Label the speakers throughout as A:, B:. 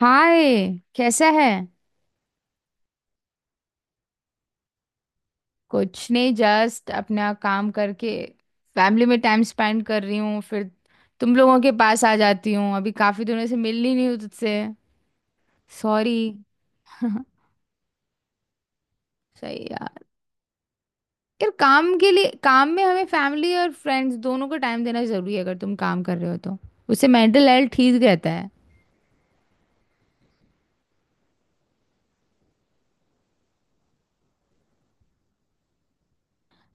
A: हाय। कैसा है? कुछ नहीं, जस्ट अपना काम करके फैमिली में टाइम स्पेंड कर रही हूँ। फिर तुम लोगों के पास आ जाती हूँ, अभी काफी दिनों से मिल ही नहीं हूँ तुझसे। सॉरी। सही यार। यार, काम के लिए, काम में हमें फैमिली और फ्रेंड्स दोनों को टाइम देना जरूरी है, अगर तुम काम कर रहे हो तो। उससे मेंटल हेल्थ ठीक रहता है।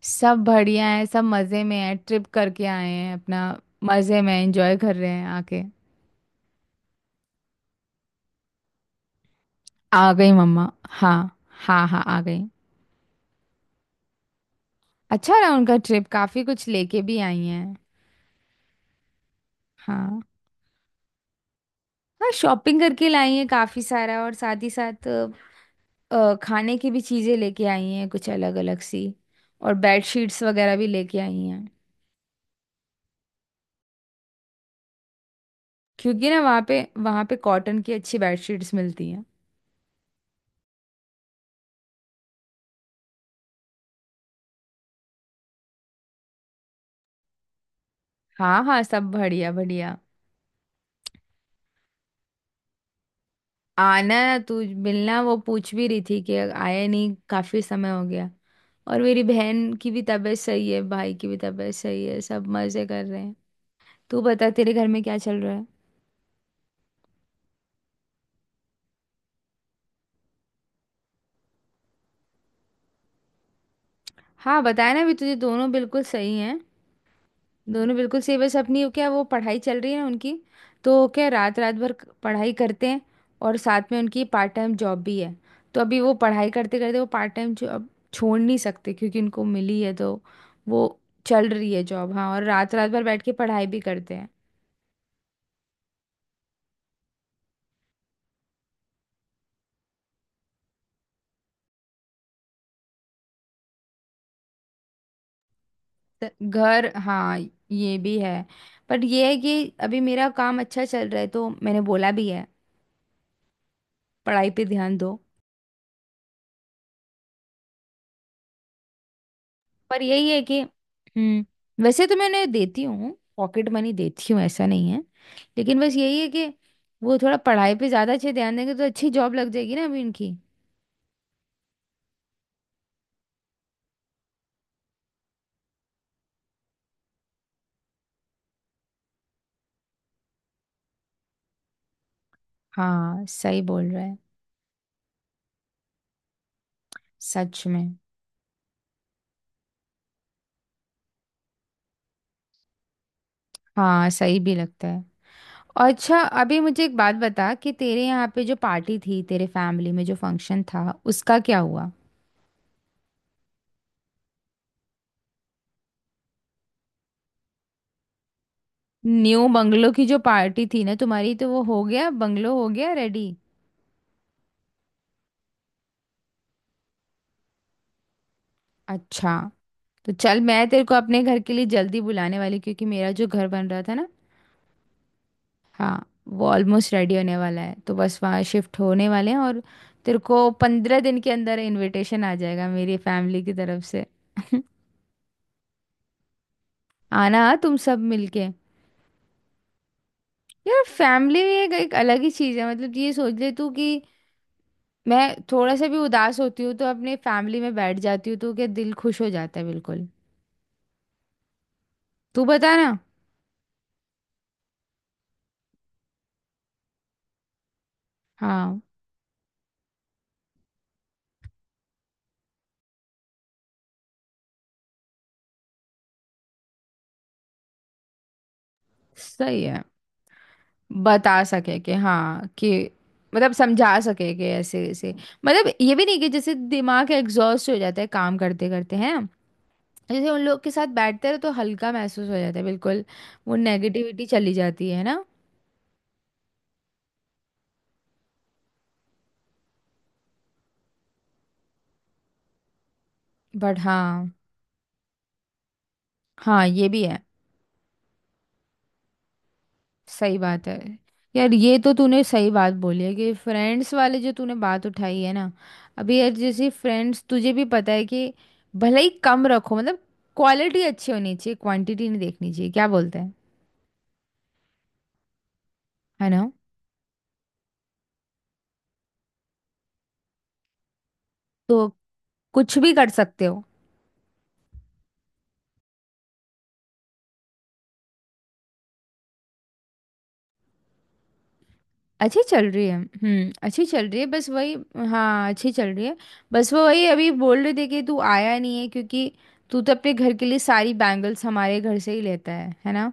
A: सब बढ़िया है, सब मज़े में है, ट्रिप करके आए हैं अपना। मज़े में एंजॉय कर रहे हैं आके। आ गई मम्मा, हाँ। हाँ हाँ, आ गई। अच्छा रहा उनका ट्रिप, काफी कुछ लेके भी आई हैं। हाँ। हाँ, शॉपिंग करके लाई हैं काफी सारा। और साथ ही साथ खाने की भी चीजें लेके आई हैं, कुछ अलग अलग सी। और बेड शीट्स वगैरह भी लेके आई हैं। क्योंकि ना वहाँ पे कॉटन की अच्छी बेड शीट्स मिलती हैं। हाँ हाँ, सब बढ़िया बढ़िया। आना ना तू, मिलना। वो पूछ भी रही थी कि आया नहीं, काफी समय हो गया। और मेरी बहन की भी तबीयत सही है, भाई की भी तबीयत सही है, सब मजे कर रहे हैं। तू बता, तेरे घर में क्या चल रहा है? हाँ बताया ना अभी तुझे, दोनों बिल्कुल सही हैं। दोनों बिल्कुल सही। बस अपनी क्या वो पढ़ाई चल रही है ना उनकी, तो क्या रात रात भर पढ़ाई करते हैं। और साथ में उनकी पार्ट टाइम जॉब भी है। तो अभी वो पढ़ाई करते करते वो पार्ट टाइम जॉब छोड़ नहीं सकते क्योंकि उनको मिली है, तो वो चल रही है जॉब, हाँ। और रात रात भर बैठ के पढ़ाई भी करते हैं। घर, हाँ, ये भी है। पर ये है कि अभी मेरा काम अच्छा चल रहा है, तो मैंने बोला भी है, पढ़ाई पे ध्यान दो। पर यही है कि वैसे तो मैं उन्हें देती हूँ, पॉकेट मनी देती हूँ, ऐसा नहीं है, लेकिन बस यही है कि वो थोड़ा पढ़ाई पे ज्यादा अच्छे ध्यान देंगे तो अच्छी जॉब लग जाएगी ना अभी इनकी। हाँ, सही बोल रहा है। सच में। हाँ, सही भी लगता है। अच्छा, अभी मुझे एक बात बता कि तेरे यहाँ पे जो पार्टी थी, तेरे फैमिली में जो फंक्शन था, उसका क्या हुआ? न्यू बंगलो की जो पार्टी थी ना तुम्हारी, तो वो हो गया? बंगलो हो गया रेडी? अच्छा। तो चल, मैं तेरे को अपने घर के लिए जल्दी बुलाने वाली, क्योंकि मेरा जो घर बन रहा था ना, हाँ, वो ऑलमोस्ट रेडी होने वाला है तो बस वहाँ शिफ्ट होने वाले हैं। और तेरे को 15 दिन के अंदर इनविटेशन आ जाएगा मेरी फैमिली की तरफ से। आना तुम सब मिलके। यार, फैमिली एक अलग ही चीज है, मतलब ये सोच ले तू कि मैं थोड़ा सा भी उदास होती हूँ तो अपने फैमिली में बैठ जाती हूँ, तो क्या दिल खुश हो जाता है, बिल्कुल। तू बता ना। हाँ सही है। बता सके कि हाँ, कि मतलब समझा सके कि ऐसे ऐसे। मतलब ये भी नहीं कि जैसे दिमाग एग्जॉस्ट हो जाता है काम करते करते, है ना? जैसे उन लोग के साथ बैठते रहो तो हल्का महसूस हो जाता है, बिल्कुल। वो नेगेटिविटी चली जाती है ना। बट हाँ। हाँ, ये भी है। सही बात है यार, ये तो तूने सही बात बोली है, कि फ्रेंड्स वाले जो तूने बात उठाई है ना। अभी यार, जैसे फ्रेंड्स, तुझे भी पता है कि भले ही कम रखो, मतलब क्वालिटी अच्छी होनी चाहिए, क्वांटिटी नहीं देखनी चाहिए, क्या बोलते हैं, है ना? तो कुछ भी कर सकते हो। अच्छी चल रही है, अच्छी चल रही है, बस वही। हाँ, अच्छी चल रही है। बस वो वही अभी बोल रहे थे कि तू आया नहीं है, क्योंकि तू तो अपने घर के लिए सारी बैंगल्स हमारे घर से ही लेता है ना?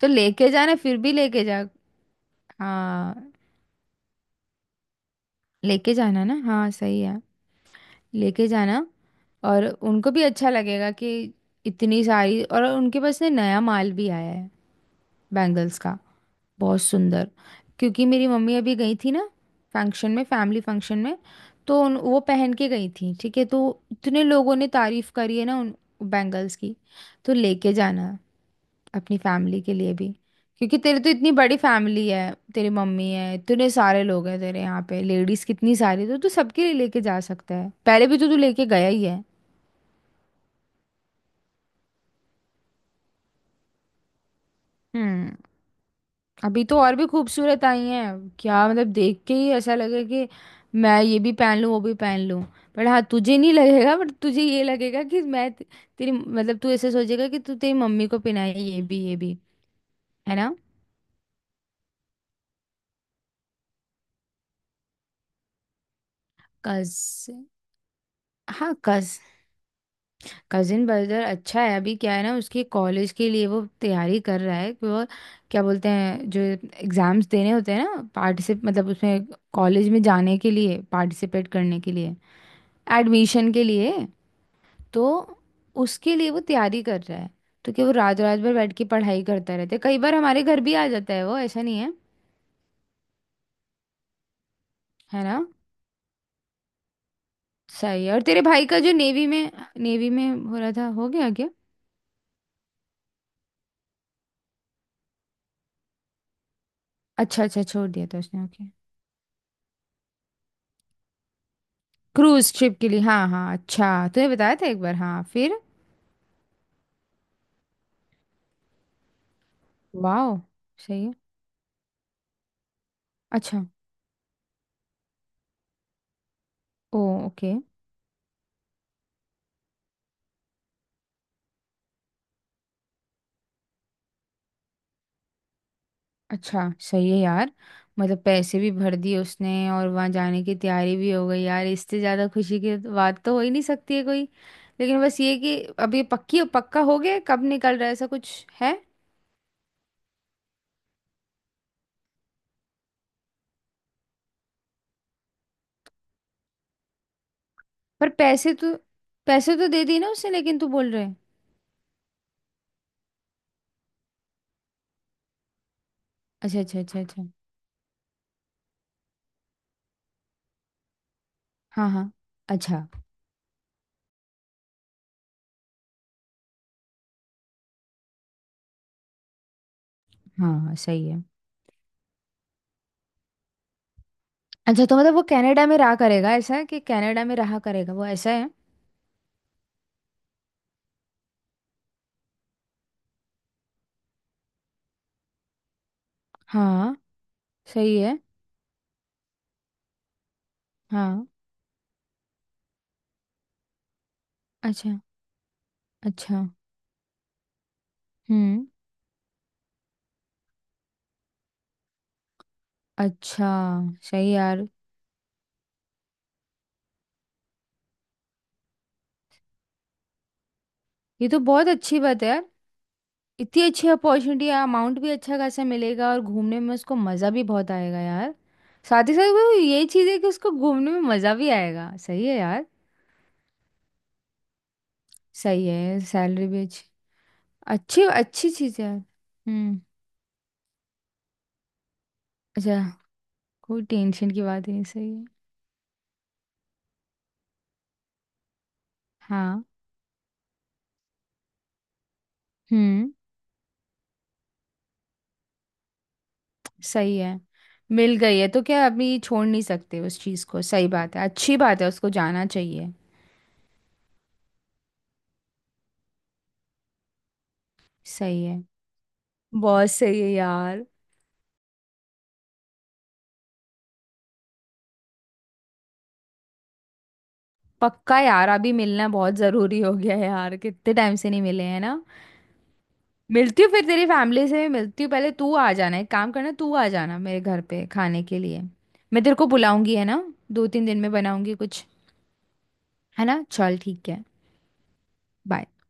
A: तो लेके जाना, फिर भी लेके जा। हाँ, लेके जाना ना, हाँ सही है, लेके जाना। और उनको भी अच्छा लगेगा कि इतनी सारी। और उनके पास ना नया माल भी आया है बैंगल्स का, बहुत सुंदर। क्योंकि मेरी मम्मी अभी गई थी ना फंक्शन में, फैमिली फंक्शन में, तो वो पहन के गई थी, ठीक है, तो इतने लोगों ने तारीफ करी है ना उन बैंगल्स की। तो लेके जाना अपनी फैमिली के लिए भी। क्योंकि तेरी तो इतनी बड़ी फैमिली है, तेरी मम्मी है, इतने सारे लोग हैं तेरे यहाँ पे, लेडीज कितनी सारी, तो तू सबके लिए लेके जा सकता है, पहले भी तो तू लेके गया ही है। हम्म। अभी तो और भी खूबसूरत आई हैं, क्या मतलब देख के ही ऐसा लगे कि मैं ये भी पहन लूं वो भी पहन लूं। पर हाँ, तुझे नहीं लगेगा, बट तुझे ये लगेगा कि तेरी, मतलब तू ऐसे सोचेगा कि तू तेरी मम्मी को पहनाए ये भी ये भी, है ना? कजिन? हाँ, कज कजिन ब्रदर अच्छा है। अभी क्या है ना, उसके कॉलेज के लिए वो तैयारी कर रहा है कि वो क्या बोलते हैं, जो एग्जाम्स देने होते हैं ना, पार्टिसिप मतलब उसमें कॉलेज में जाने के लिए, पार्टिसिपेट करने के लिए, एडमिशन के लिए, तो उसके लिए वो तैयारी कर रहा है। तो क्या वो रात रात भर बैठ के पढ़ाई करता रहता है, कई बार हमारे घर भी आ जाता है वो, ऐसा नहीं है। है ना, सही है। और तेरे भाई का जो नेवी में, नेवी में हो रहा था, हो गया क्या? अच्छा अच्छा, छोड़ दिया था उसने, ओके। क्रूज ट्रिप के लिए? हाँ हाँ, अच्छा तूने बताया था एक बार, हाँ फिर। वाह, सही है। अच्छा। ओ, ओके। अच्छा सही है यार, मतलब पैसे भी भर दिए उसने और वहां जाने की तैयारी भी हो गई यार, इससे ज्यादा खुशी की बात तो हो ही नहीं सकती है कोई। लेकिन बस ये कि अब ये पक्की पक्का हो गया है? कब निकल रहा है, ऐसा कुछ है? पर पैसे तो दे दिए ना उसने, लेकिन तू बोल रहे है। अच्छा अच्छा अच्छा अच्छा। हाँ हाँ, अच्छा। हाँ हाँ, सही है। अच्छा, तो मतलब वो कनाडा में रहा करेगा, ऐसा है कि कनाडा में रहा करेगा वो, ऐसा है? हाँ सही है। हाँ, अच्छा अच्छा, हम्म। अच्छा, सही यार, ये तो बहुत अच्छी बात है यार, इतनी अच्छी अपॉर्चुनिटी है, अमाउंट भी अच्छा खासा मिलेगा और घूमने में उसको मज़ा भी बहुत आएगा यार। साथ ही साथ वो ये चीज़ है कि उसको घूमने में मज़ा भी आएगा, सही है यार। सही है, सैलरी भी अच्छी, अच्छी अच्छी चीज़ है यार। हम्म। अच्छा, कोई टेंशन की बात ही नहीं, सही है। हाँ। हम्म। सही है, मिल गई है तो क्या अभी छोड़ नहीं सकते उस चीज़ को, सही बात है, अच्छी बात है, उसको जाना चाहिए। सही है, बहुत सही है यार। पक्का यार, अभी मिलना बहुत जरूरी हो गया है यार, कितने टाइम से नहीं मिले हैं ना। मिलती हूँ फिर, तेरी फैमिली से भी मिलती हूँ, पहले तू आ जाना, एक काम करना, तू आ जाना मेरे घर पे खाने के लिए, मैं तेरे को बुलाऊंगी, है ना? 2-3 दिन में बनाऊंगी कुछ। है ना, चल ठीक है। बाय।